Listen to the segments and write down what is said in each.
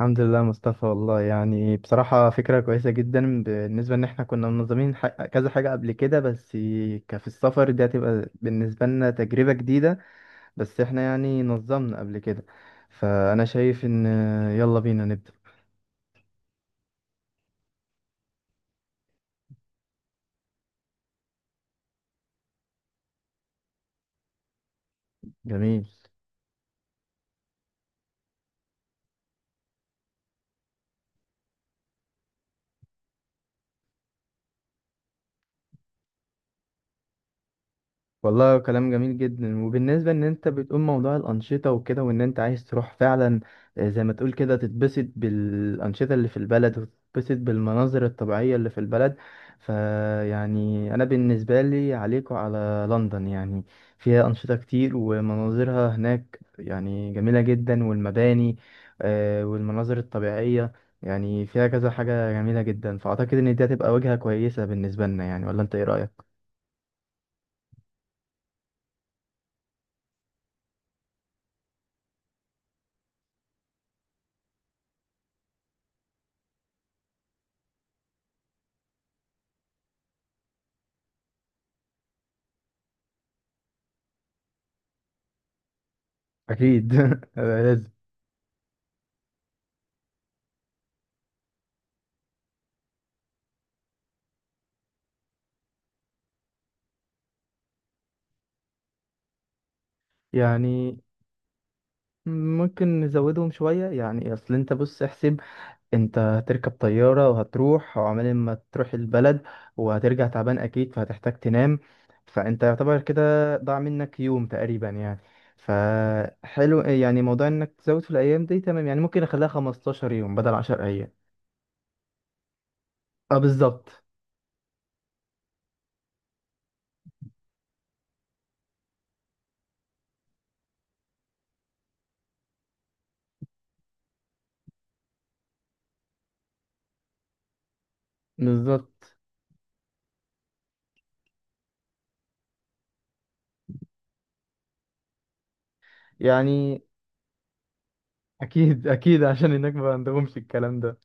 الحمد لله مصطفى، والله يعني بصراحة فكرة كويسة جدا بالنسبة إن إحنا كنا منظمين كذا حاجة قبل كده. بس كفي السفر دي هتبقى بالنسبة لنا تجربة جديدة. بس إحنا يعني نظمنا قبل كده. فأنا شايف إن يلا بينا نبدأ. جميل. والله كلام جميل جدا، وبالنسبة ان انت بتقول موضوع الانشطة وكده وان انت عايز تروح فعلا. زي ما تقول كده تتبسط بالانشطة اللي في البلد وتتبسط بالمناظر الطبيعية اللي في البلد. فيعني انا بالنسبة لي عليك وعلى لندن، يعني فيها انشطة كتير ومناظرها هناك يعني جميلة جدا والمباني. والمناظر الطبيعية يعني فيها كذا حاجة جميلة جدا، فأعتقد إن دي هتبقى وجهة كويسة بالنسبة لنا، يعني ولا أنت إيه رأيك؟ أكيد لازم. يعني ممكن نزودهم شوية، يعني أصل أنت بص احسب. أنت هتركب طيارة وهتروح وعمال ما تروح البلد وهترجع تعبان أكيد، فهتحتاج تنام. فأنت يعتبر كده ضاع منك يوم تقريبا يعني. فحلو يعني موضوع إنك تزود في الأيام دي تمام، يعني ممكن أخليها 15 يوم بدل 10 أيام. أه بالظبط. بالظبط، يعني أكيد أكيد عشان هناك ما عندهمش الكلام ده.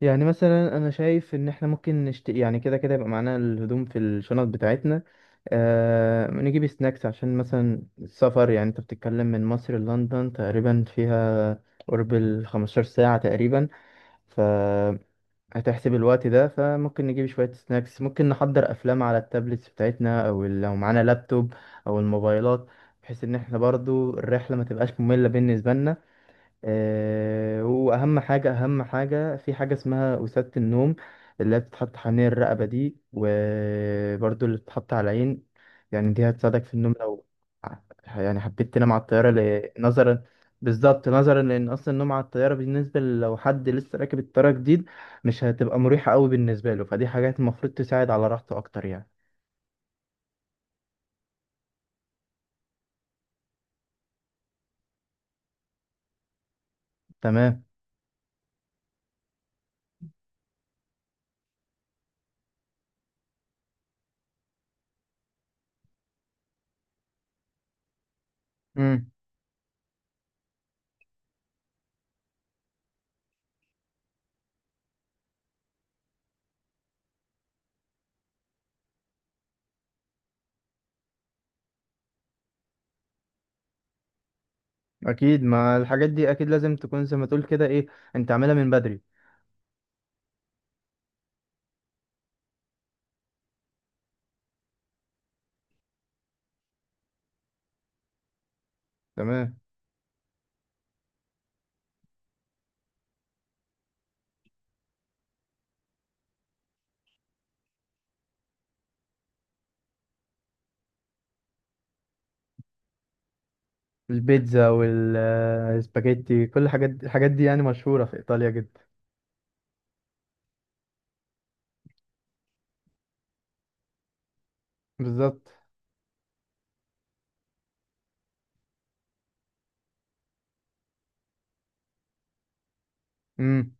يعني مثلا انا شايف ان احنا ممكن يعني كده كده يبقى معانا الهدوم في الشنط بتاعتنا. نجيب سناكس عشان مثلا السفر، يعني انت بتتكلم من مصر للندن تقريبا فيها قرب ال 15 ساعة تقريبا. ف هتحسب الوقت ده، فممكن نجيب شوية سناكس، ممكن نحضر أفلام على التابلتس بتاعتنا أو لو معانا لابتوب أو الموبايلات، بحيث إن احنا برضو الرحلة ما تبقاش مملة بالنسبة لنا. واهم حاجه اهم حاجه في حاجه اسمها وسادة النوم، اللي هي بتتحط حوالين الرقبه دي وبرده اللي بتتحط على العين. يعني دي هتساعدك في النوم لو ع- يعني حبيت تنام على الطياره، نظرا. بالظبط، نظرا لان اصلا النوم على الطياره بالنسبه لو حد لسه راكب الطياره جديد مش هتبقى مريحه قوي بالنسبه له، فدي حاجات المفروض تساعد على راحته اكتر يعني. تمام. امم. اكيد، ما الحاجات دي اكيد لازم تكون زي ما تقول كده ايه. انت عاملها من بدري. تمام. البيتزا والسباجيتي كل الحاجات دي الحاجات دي يعني مشهورة في إيطاليا جدا. بالظبط. امم.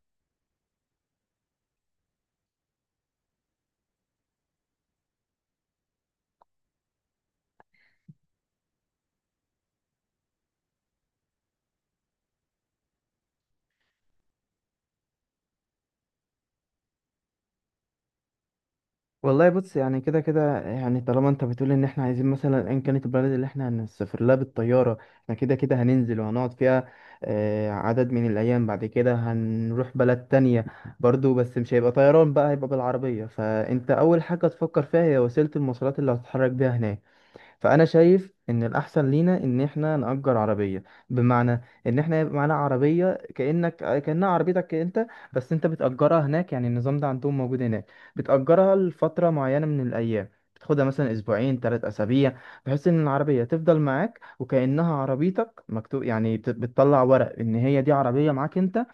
والله بص يعني كده كده، يعني طالما انت بتقول ان احنا عايزين مثلا ان كانت البلد اللي احنا هنسافر لها بالطياره، احنا كده كده هننزل وهنقعد فيها. عدد من الايام بعد كده هنروح بلد تانية برضو. بس مش هيبقى طيران بقى، هيبقى بالعربيه، فانت اول حاجه تفكر فيها هي وسيله المواصلات اللي هتتحرك بيها هناك. فانا شايف ان الاحسن لينا ان احنا نأجر عربيه. بمعنى ان احنا يبقى معانا عربيه، كانها عربيتك انت، بس انت بتأجرها هناك، يعني النظام ده عندهم موجود هناك. بتأجرها لفتره معينه من الايام، بتاخدها مثلا اسبوعين 3 اسابيع، بحيث ان العربيه تفضل معاك وكانها عربيتك، مكتوب يعني، بتطلع ورق ان هي دي عربيه معاك انت.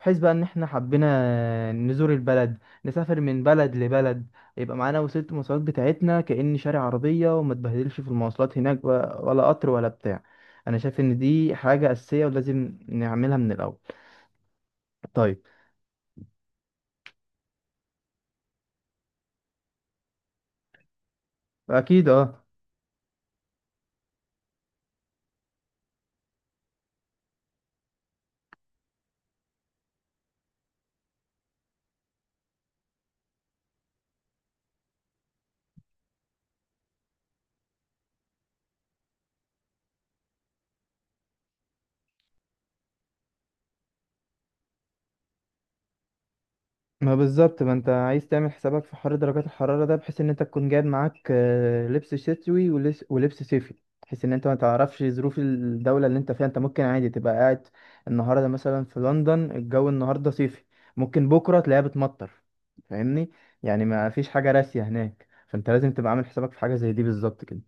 بحيث بقى ان احنا حبينا نزور البلد نسافر من بلد لبلد، يبقى معانا وسيلة المواصلات بتاعتنا كأن شارع عربية، وما تبهدلش في المواصلات هناك ولا قطر ولا بتاع. انا شايف ان دي حاجة أساسية ولازم نعملها من الأول. طيب. اكيد اه. ما بالظبط، ما انت عايز تعمل حسابك في حر درجات الحرارة ده بحيث ان انت تكون جايب معاك لبس شتوي ولبس صيفي. بحيث ان انت ما تعرفش ظروف الدولة اللي انت فيها، انت ممكن عادي تبقى قاعد. النهاردة مثلا في لندن الجو النهاردة صيفي، ممكن بكرة تلاقيها بتمطر. فاهمني؟ يعني ما فيش حاجة راسية هناك، فانت لازم تبقى عامل حسابك في حاجة زي دي بالظبط كده.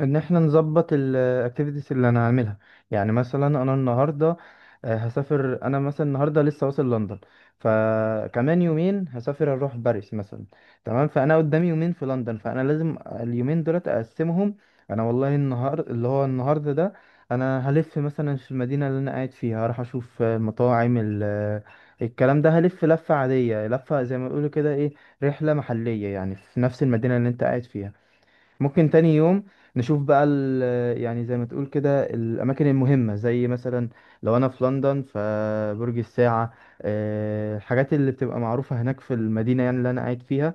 ان احنا نظبط الاكتيفيتيز اللي انا هعملها. يعني مثلا انا النهارده هسافر، انا مثلا النهارده لسه واصل لندن، فكمان يومين هسافر اروح باريس مثلا. تمام. فانا قدامي يومين في لندن، فانا لازم اليومين دولت اقسمهم. انا والله النهار اللي هو النهارده ده، انا هلف مثلا في المدينه اللي انا قاعد فيها، هروح اشوف المطاعم الكلام ده، هلف لفه عاديه، لفه زي ما بيقولوا كده ايه. رحله محليه، يعني في نفس المدينه اللي انت قاعد فيها. ممكن تاني يوم نشوف بقى يعني زي ما تقول كده الأماكن المهمة، زي مثلا لو أنا في لندن فبرج الساعة، الحاجات اللي بتبقى معروفة هناك في المدينة يعني اللي أنا قاعد فيها.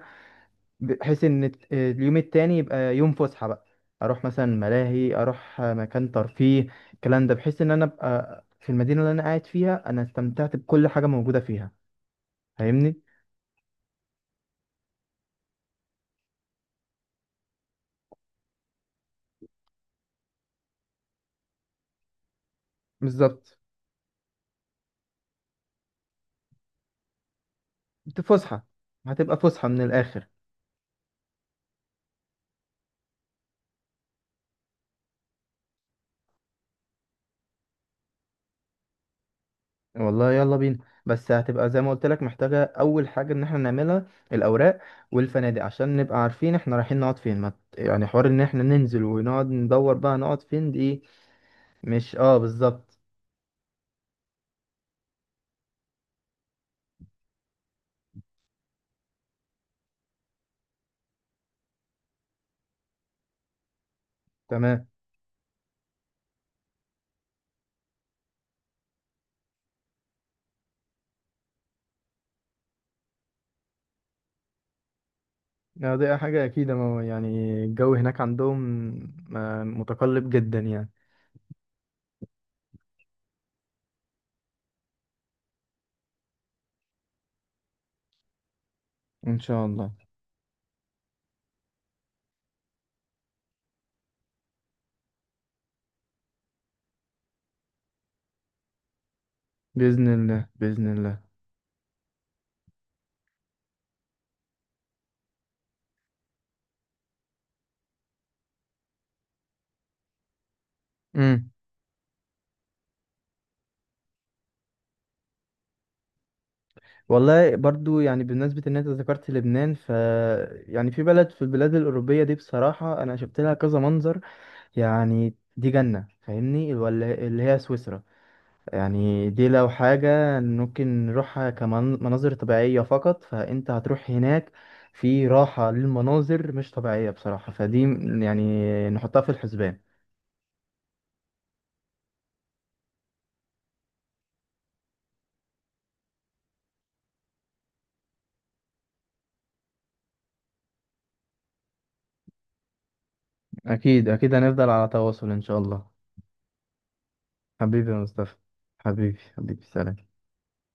بحيث إن اليوم التاني يبقى يوم فسحة بقى، أروح مثلا ملاهي، أروح مكان ترفيه الكلام ده، بحيث إن أنا أبقى في المدينة اللي أنا قاعد فيها أنا استمتعت بكل حاجة موجودة فيها. فاهمني؟ بالظبط، فسحة هتبقى فسحة من الآخر. والله يلا بينا. بس هتبقى زي ما قلت لك محتاجة أول حاجة إن احنا نعملها، الأوراق والفنادق عشان نبقى عارفين احنا رايحين نقعد فين، ما ت- يعني حوار إن احنا ننزل ونقعد ندور بقى نقعد فين دي. مش اه بالظبط. تمام. دي حاجة أكيد، ما هو يعني الجو هناك عندهم متقلب جدا يعني. إن شاء الله. بإذن الله بإذن الله. امم. والله برضو، يعني بالنسبة إن أنت ذكرت لبنان، يعني في بلد في البلاد الأوروبية دي بصراحة أنا شفت لها كذا منظر. يعني دي جنة فاهمني، ولا اللي هي سويسرا. يعني دي لو حاجة ممكن نروحها كمناظر طبيعية فقط، فأنت هتروح هناك في راحة للمناظر مش طبيعية بصراحة، فدي يعني نحطها في الحسبان. أكيد أكيد هنفضل على تواصل إن شاء الله. حبيبي يا مصطفى، حبيبي حبيبي سلام.